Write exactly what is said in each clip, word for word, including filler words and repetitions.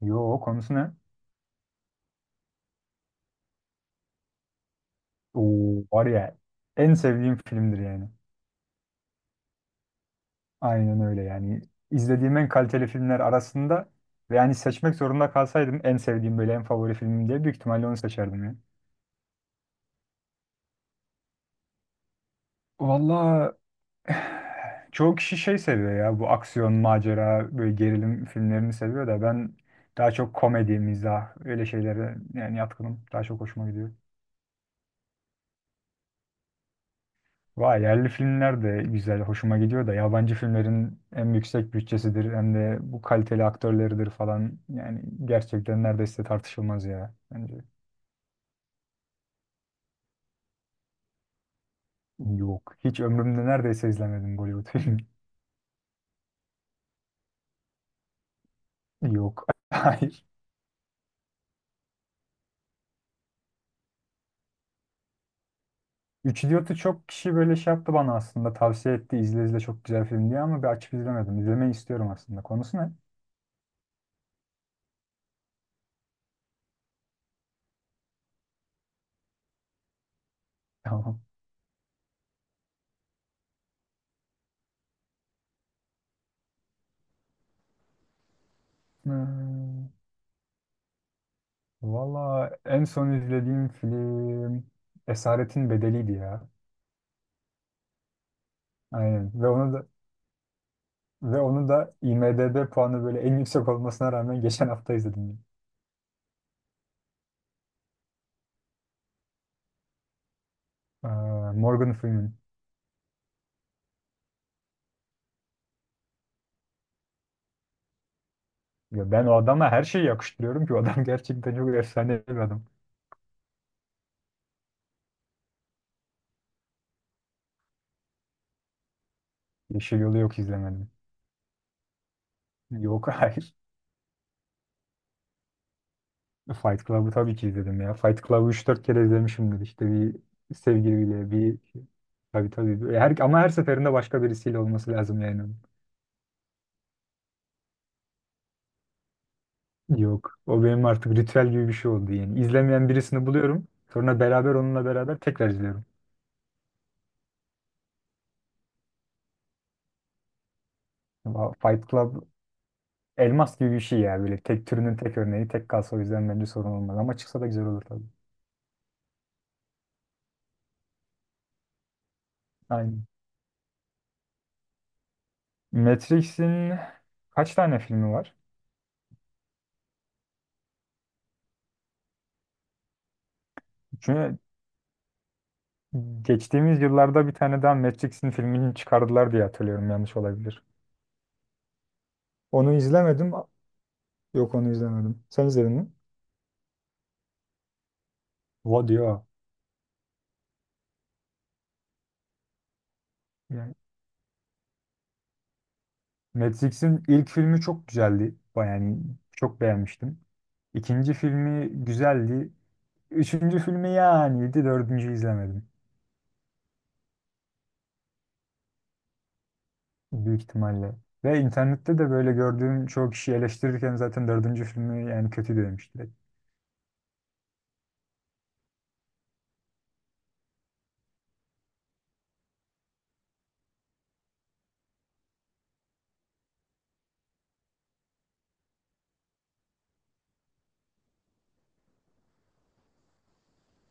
Yo konusu ne? Oo, var ya en sevdiğim filmdir yani. Aynen öyle yani. İzlediğim en kaliteli filmler arasında ve yani seçmek zorunda kalsaydım en sevdiğim böyle en favori filmim diye büyük ihtimalle onu seçerdim ya. Valla çoğu kişi şey seviyor ya bu aksiyon, macera, böyle gerilim filmlerini seviyor da ben daha çok komedi, mizah öyle şeylere yani yatkınım. Daha çok hoşuma gidiyor. Vay yerli filmler de güzel, hoşuma gidiyor da yabancı filmlerin hem yüksek bütçesidir hem de bu kaliteli aktörleridir falan. Yani gerçekten neredeyse tartışılmaz ya bence. Yok, hiç ömrümde neredeyse izlemedim Bollywood filmi. Yok. Hayır. Üç Idiot'u çok kişi böyle şey yaptı bana aslında, tavsiye etti izle izle çok güzel film diye, ama bir açıp izlemedim. İzlemeyi istiyorum aslında. Konusu ne? Tamam. Hmm, valla en son izlediğim film Esaretin Bedeli'ydi ya. Aynen. Ve onu da Ve onu da I M D B puanı böyle en yüksek olmasına rağmen geçen hafta izledim. Ee, Morgan Freeman. Ya ben o adama her şeyi yakıştırıyorum ki o adam gerçekten çok efsane bir adam. Yeşil Yol'u yok izlemedim. Yok. Hayır. Fight Club'ı tabii ki izledim ya. Fight Club'ı üç dört kere izlemişimdir. İşte bir sevgiliyle bir... Tabii tabii. Her, ama her seferinde başka birisiyle olması lazım yani. Yok. O benim artık ritüel gibi bir şey oldu yani. İzlemeyen birisini buluyorum. Sonra beraber onunla beraber tekrar izliyorum. Ama Fight Club elmas gibi bir şey ya, böyle tek türünün tek örneği, tek kalsa o yüzden bence sorun olmaz ama çıksa da güzel olur tabii. Aynen. Matrix'in kaç tane filmi var? Çünkü geçtiğimiz yıllarda bir tane daha Matrix'in filmini çıkardılar diye hatırlıyorum, yanlış olabilir. Onu izlemedim. Yok, onu izlemedim. Sen izledin mi? What ya. Yani Matrix'in ilk filmi çok güzeldi. Baya- Yani çok beğenmiştim. İkinci filmi güzeldi. Üçüncü filmi yani iyiydi. Dördüncü izlemedim. Büyük ihtimalle. Ve internette de böyle gördüğüm çoğu kişi eleştirirken zaten dördüncü filmi yani kötü demiş direkt.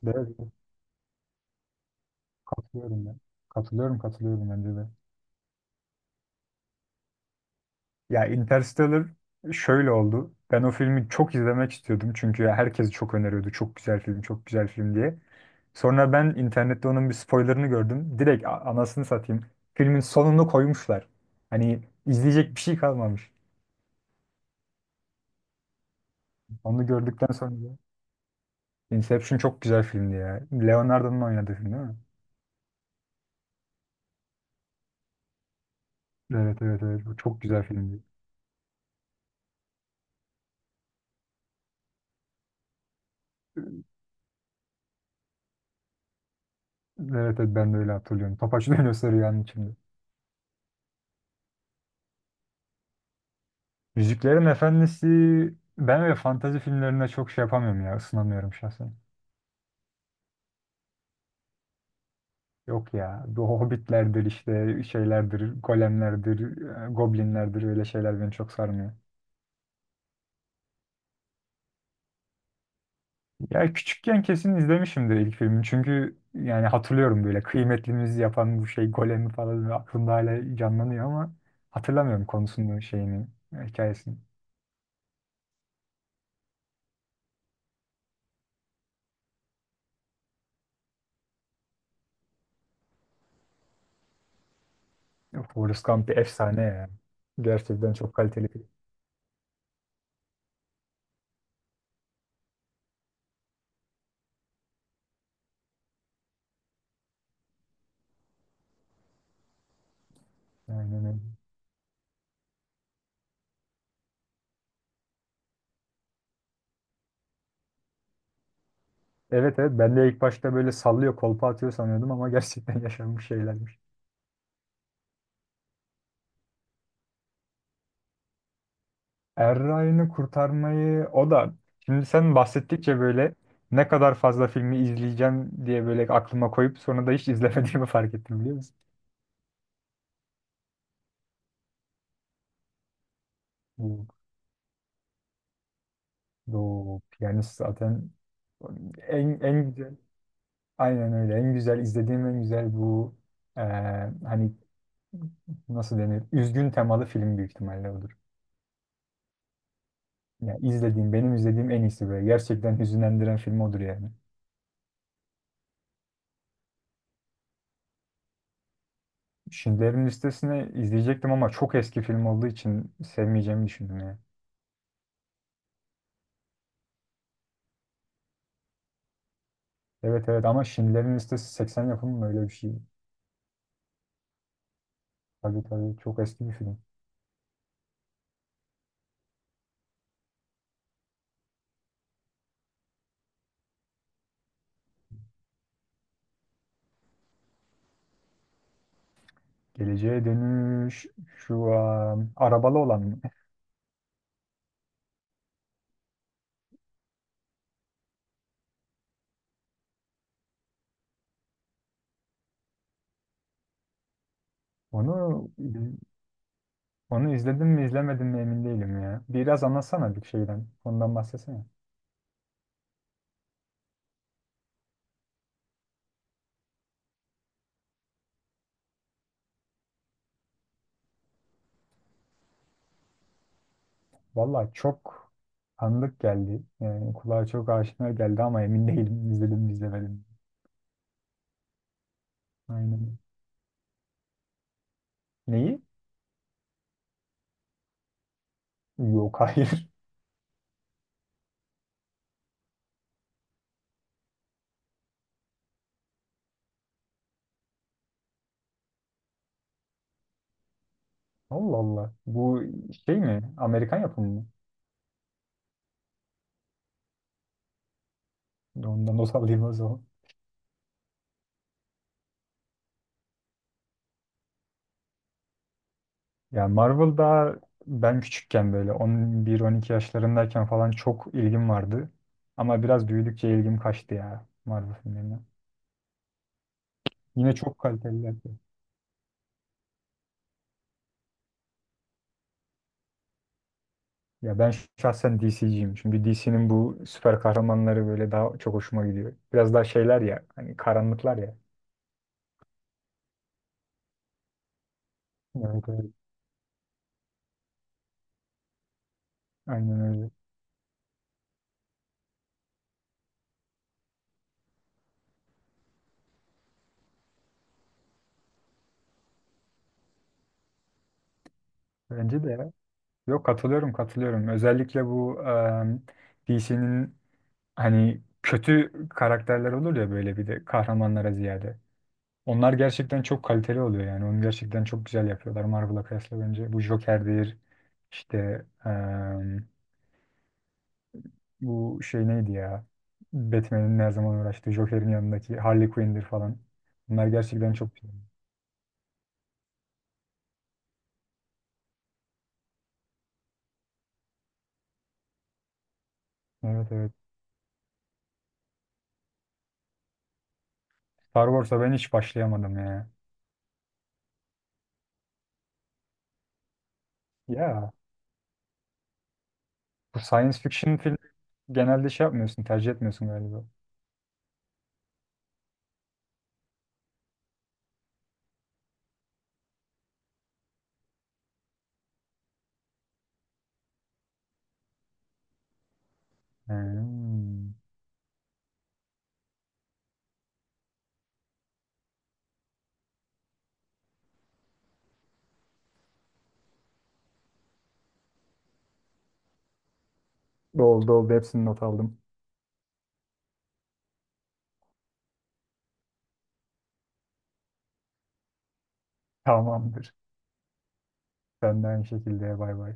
De, Katılıyorum ben. Katılıyorum katılıyorum bence de. Ya Interstellar şöyle oldu. Ben o filmi çok izlemek istiyordum, çünkü herkes çok öneriyordu. Çok güzel film, çok güzel film diye. Sonra ben internette onun bir spoilerını gördüm direkt, a- anasını satayım. Filmin sonunu koymuşlar. Hani izleyecek bir şey kalmamış. Onu gördükten sonra Inception çok güzel filmdi ya. Leonardo'nun oynadığı film değil mi? Evet evet evet. Bu çok güzel filmdi. Evet evet ben de öyle hatırlıyorum. Topaç dönüyor sarı yanın içinde. Yüzüklerin Efendisi, ben öyle fantazi filmlerine çok şey yapamıyorum ya, ısınamıyorum şahsen. Yok ya, bu hobbitlerdir işte şeylerdir golemlerdir e, goblinlerdir, öyle şeyler beni çok sarmıyor. Ya küçükken kesin izlemişimdir ilk filmi, çünkü yani hatırlıyorum böyle kıymetlimizi yapan bu şey golemi falan aklımda hala canlanıyor ama hatırlamıyorum konusunu, şeyini, hikayesini. Ya Forrest Gump bir efsane ya. Gerçekten çok kaliteli film. Aynen öyle. Evet evet ben de ilk başta böyle sallıyor kolpa atıyor sanıyordum ama gerçekten yaşanmış şeylermiş. Er Ryan'ı kurtarmayı, o da şimdi sen bahsettikçe böyle ne kadar fazla filmi izleyeceğim diye böyle aklıma koyup sonra da hiç izlemediğimi fark ettim, biliyor musun? Bu, bu piyanist zaten en, en güzel, aynen öyle, en güzel izlediğim en güzel bu eee, hani nasıl denir? Üzgün temalı film, büyük ihtimalle odur. Ya izlediğim, benim izlediğim en iyisi böyle. Gerçekten hüzünlendiren film odur yani. Schindler'in Listesi'ni izleyecektim ama çok eski film olduğu için sevmeyeceğimi düşündüm yani. Evet evet ama Schindler'in Listesi seksen yapımı mı, öyle bir şey? Tabii tabii çok eski bir film. Geleceğe Dönüş şu an arabalı olan mı? Onu onu izledim mi izlemedim mi emin değilim ya. Biraz anlatsana bir şeyden. Ondan bahsetsene. Valla çok tanıdık geldi. Yani kulağa çok aşina geldi ama emin değilim izledim mi izlemedim. Aynen. Neyi? Yok, hayır. Allah Allah. Bu şey mi? Amerikan yapımı mı? Ondan not alayım o zaman. Ya Marvel, daha ben küçükken böyle on bir on iki yaşlarındayken falan çok ilgim vardı. Ama biraz büyüdükçe ilgim kaçtı ya Marvel filmlerine. Yine çok kaliteliler. Ya ben şahsen D C'ciyim. Çünkü D C'nin bu süper kahramanları böyle daha çok hoşuma gidiyor. Biraz daha şeyler ya, hani karanlıklar ya. Evet, evet. Aynen öyle. Bence de ya. Yok, katılıyorum katılıyorum. Özellikle bu D C'nin, hani kötü karakterler olur ya böyle bir de, kahramanlara ziyade. Onlar gerçekten çok kaliteli oluyor yani. Onu gerçekten çok güzel yapıyorlar Marvel'a kıyasla bence. Bu Joker'dir. İşte bu şey neydi ya? Batman'in ne zaman uğraştığı Joker'in yanındaki Harley Quinn'dir falan. Bunlar gerçekten çok güzel. Evet evet. Star Wars'a ben hiç başlayamadım ya. Ya bu science fiction film genelde şey yapmıyorsun, tercih etmiyorsun galiba. Hmm. Oldu oldu hepsini not aldım. Tamamdır. Ben de aynı şekilde, bay bay.